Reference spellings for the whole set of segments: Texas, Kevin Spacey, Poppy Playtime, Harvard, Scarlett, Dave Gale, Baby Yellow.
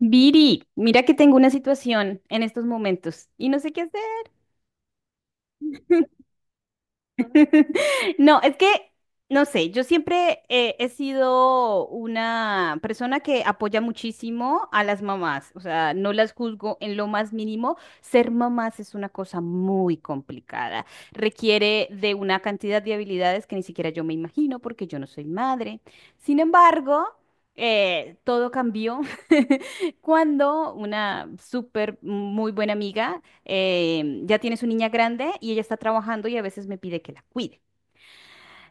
Viri, mira que tengo una situación en estos momentos y no sé qué hacer. No, es que, no sé, yo siempre he sido una persona que apoya muchísimo a las mamás, o sea, no las juzgo en lo más mínimo. Ser mamás es una cosa muy complicada, requiere de una cantidad de habilidades que ni siquiera yo me imagino porque yo no soy madre. Sin embargo, todo cambió cuando una súper muy buena amiga ya tiene su niña grande y ella está trabajando y a veces me pide que la cuide.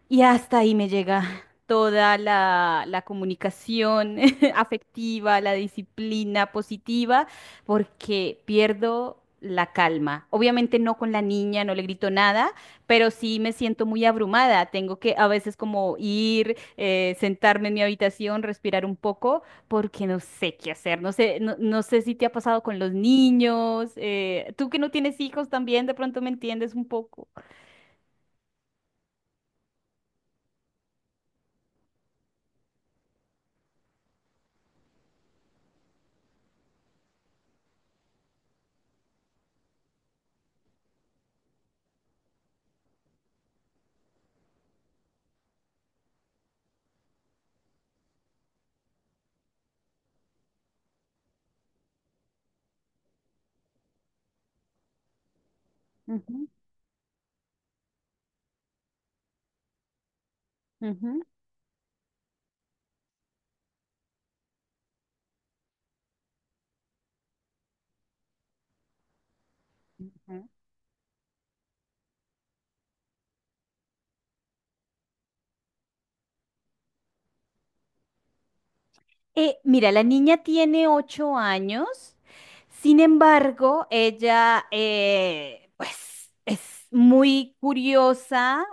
Y hasta ahí me llega toda la comunicación afectiva, la disciplina positiva, porque pierdo la calma. Obviamente no con la niña, no le grito nada, pero sí me siento muy abrumada. Tengo que a veces como ir, sentarme en mi habitación, respirar un poco, porque no sé qué hacer. No sé, no, no sé si te ha pasado con los niños. Tú que no tienes hijos también, de pronto me entiendes un poco. Ujú, ujú. Ujú. Mira, la niña tiene 8 años, sin embargo, ella pues es muy curiosa,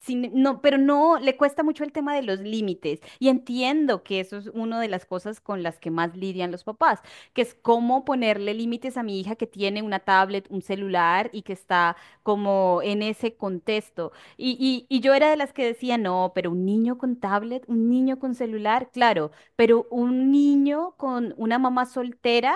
no, pero no, le cuesta mucho el tema de los límites. Y entiendo que eso es una de las cosas con las que más lidian los papás, que es cómo ponerle límites a mi hija que tiene una tablet, un celular y que está como en ese contexto. Y yo era de las que decía, no, pero un niño con tablet, un niño con celular, claro, pero un niño con una mamá soltera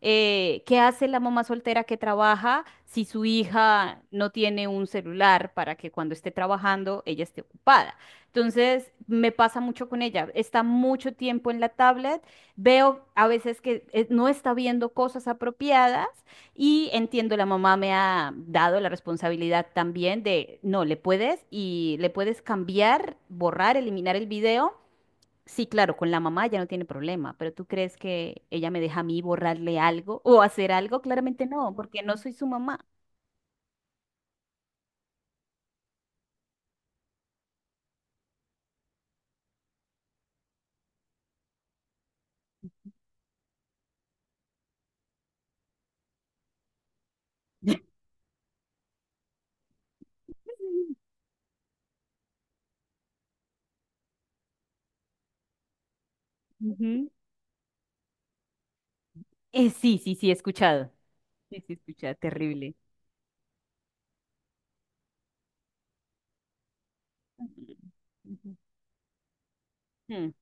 ¿qué hace la mamá soltera que trabaja si su hija no tiene un celular para que cuando esté trabajando ella esté ocupada? Entonces, me pasa mucho con ella. Está mucho tiempo en la tablet, veo a veces que no está viendo cosas apropiadas y entiendo, la mamá me ha dado la responsabilidad también de, no, le puedes y le puedes cambiar, borrar, eliminar el video. Sí, claro, con la mamá ya no tiene problema, pero ¿tú crees que ella me deja a mí borrarle algo o hacer algo? Claramente no, porque no soy su mamá. Ujú. Sí, sí, sí, he escuchado. Sí, sí, he escuchado, terrible. Ujú, ujú.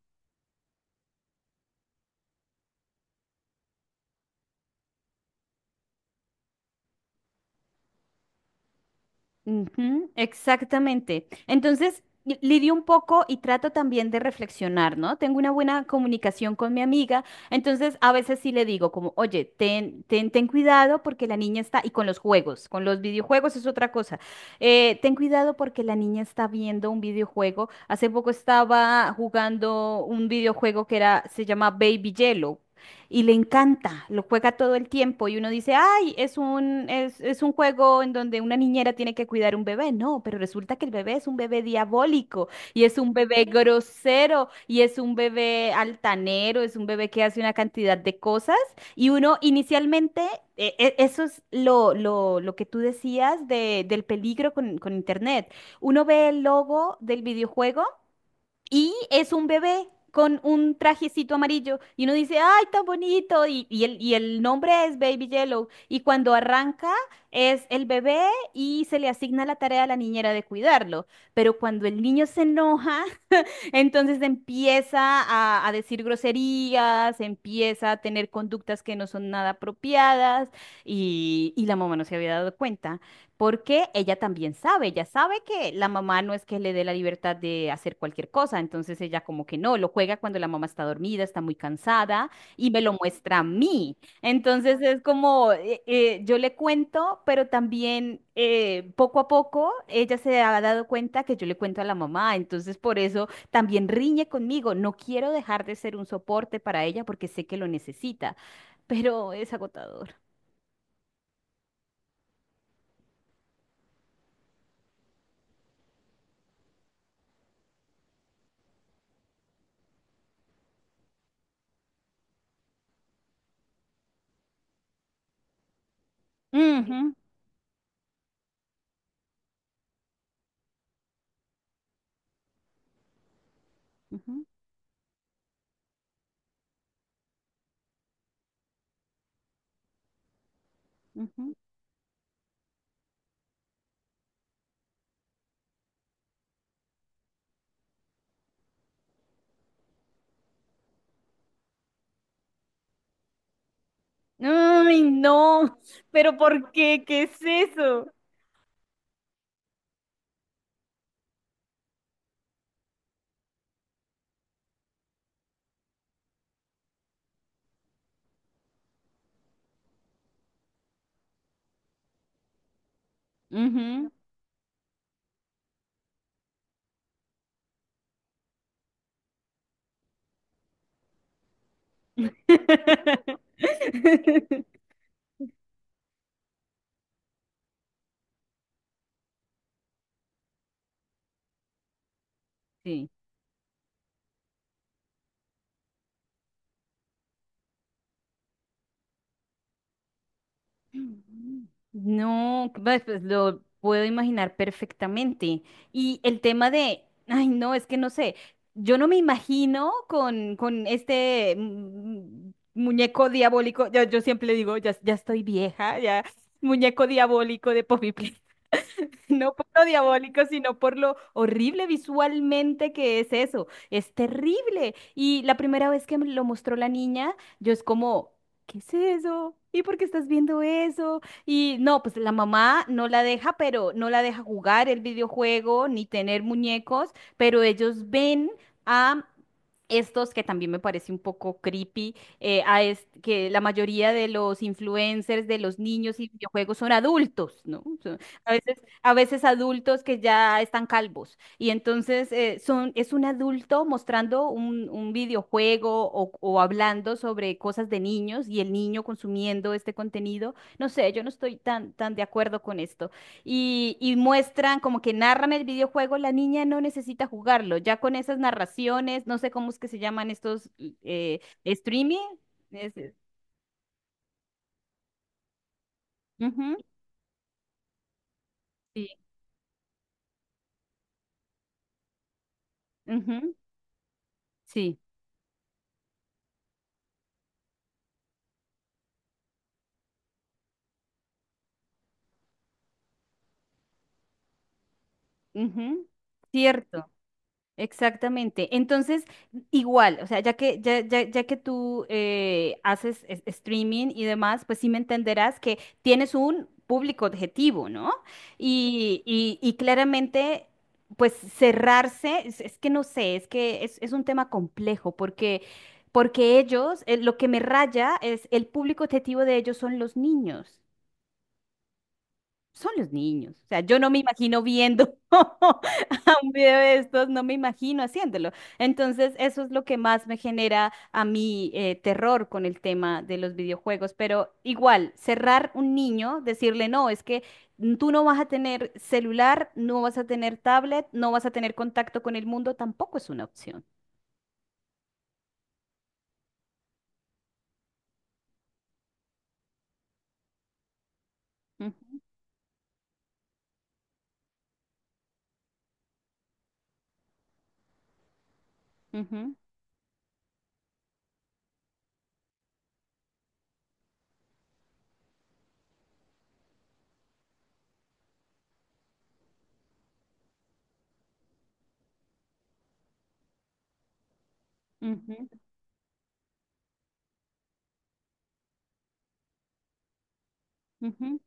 Ujú, exactamente. Entonces, lidio un poco y trato también de reflexionar, ¿no? Tengo una buena comunicación con mi amiga, entonces a veces sí le digo como, oye, ten cuidado porque la niña está, y con los juegos, con los videojuegos es otra cosa. Ten cuidado porque la niña está viendo un videojuego. Hace poco estaba jugando un videojuego se llama Baby Yellow y le encanta, lo juega todo el tiempo y uno dice, ay, es un juego en donde una niñera tiene que cuidar un bebé. No, pero resulta que el bebé es un bebé diabólico y es un bebé grosero y es un bebé altanero, es un bebé que hace una cantidad de cosas y uno inicialmente... Eso es lo que tú decías del peligro con Internet. Uno ve el logo del videojuego y es un bebé con un trajecito amarillo. Y uno dice, ¡ay, tan bonito! Y el nombre es Baby Yellow. Y cuando arranca es el bebé y se le asigna la tarea a la niñera de cuidarlo. Pero cuando el niño se enoja, entonces empieza a decir groserías, empieza a tener conductas que no son nada apropiadas y la mamá no se había dado cuenta porque ella también sabe, ella sabe que la mamá no es que le dé la libertad de hacer cualquier cosa, entonces ella como que no, lo juega cuando la mamá está dormida, está muy cansada y me lo muestra a mí. Entonces es como, yo le cuento, pero también poco a poco ella se ha dado cuenta que yo le cuento a la mamá, entonces por eso también riñe conmigo, no quiero dejar de ser un soporte para ella porque sé que lo necesita, pero es agotador. Ujú, ujú, ujú. Ay, no, pero ¿por qué? ¿Qué es eso? Ujú. Sí. No, pues pues, lo puedo imaginar perfectamente. Y el tema de, ay, no, es que no sé, yo no me imagino con este muñeco diabólico, yo siempre le digo, ya, ya estoy vieja, ya, muñeco diabólico de Poppy Playtime. No por lo diabólico, sino por lo horrible visualmente que es eso. Es terrible. Y la primera vez que me lo mostró la niña, yo es como... ¿Qué es eso? ¿Y por qué estás viendo eso? Y no, pues la mamá no la deja, pero no la deja jugar el videojuego ni tener muñecos, pero ellos ven a estos que también me parece un poco creepy, que la mayoría de los influencers de los niños y videojuegos son adultos, ¿no? A veces, a veces adultos que ya están calvos. Y entonces es un adulto mostrando un videojuego o hablando sobre cosas de niños y el niño consumiendo este contenido. No sé, yo no estoy tan de acuerdo con esto. Y muestran como que narran el videojuego, la niña no necesita jugarlo. Ya con esas narraciones, no sé cómo es que se llaman estos streaming. es- Ujú, sí, ujú, sí, ujú. Cierto. Exactamente. Entonces, igual, o sea, ya que, ya que tú haces streaming y demás, pues sí me entenderás que tienes un público objetivo, ¿no? Y claramente, pues cerrarse, es que no sé, es un tema complejo porque... Porque ellos, lo que me raya es el público objetivo de ellos son los niños, son los niños. O sea, yo no me imagino viendo a un video de estos, no me imagino haciéndolo. Entonces, eso es lo que más me genera a mí terror con el tema de los videojuegos. Pero igual, cerrar un niño, decirle, no, es que tú no vas a tener celular, no vas a tener tablet, no vas a tener contacto con el mundo, tampoco es una opción. Ujú, ujú, ujú, ujú,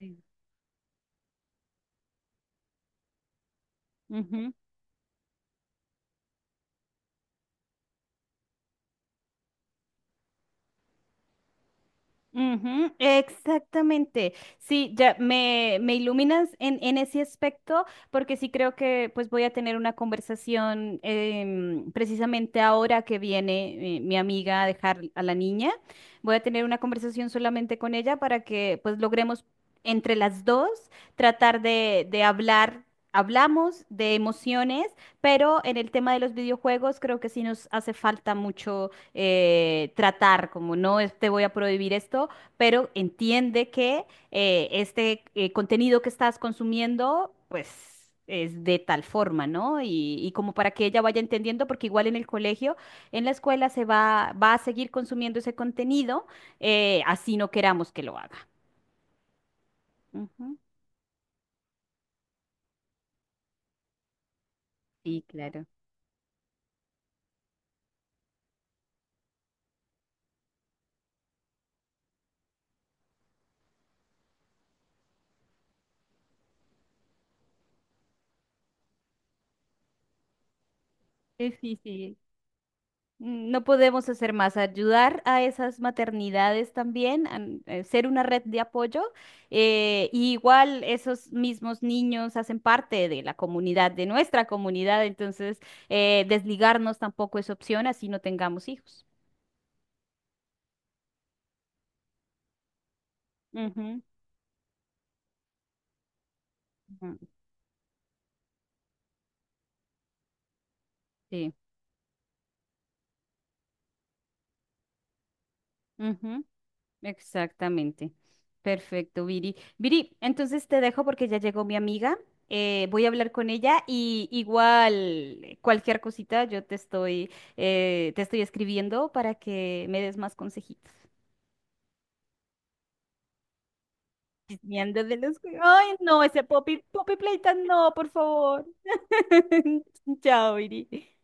ujú, ujú, ujú, exactamente. Sí, ya me iluminas en ese aspecto porque sí creo que pues voy a tener una conversación precisamente ahora que viene mi amiga a dejar a la niña. Voy a tener una conversación solamente con ella para que pues logremos entre las dos tratar de hablar. Hablamos de emociones, pero en el tema de los videojuegos creo que sí nos hace falta tratar, como no te voy a prohibir esto, pero entiende que este contenido que estás consumiendo, pues... es de tal forma, ¿no? Y como para que ella vaya entendiendo, porque igual en el colegio, en la escuela va a seguir consumiendo ese contenido, así no queramos que lo haga. Ujú. Sí, claro. Sí, sí. Mm, no podemos hacer más, ayudar a esas maternidades también, ser una red de apoyo. Y igual esos mismos niños hacen parte de la comunidad, de nuestra comunidad, entonces desligarnos tampoco es opción, así no tengamos hijos. Ujú, ujú. Sí. Ujú. Exactamente. Perfecto, Viri. Viri, entonces te dejo porque ya llegó mi amiga. Voy a hablar con ella y igual cualquier cosita yo te estoy escribiendo para que me des más consejitos. Chismeando de los... Ay, no, ese Poppy Playtime, no, por favor. Chao, Viri.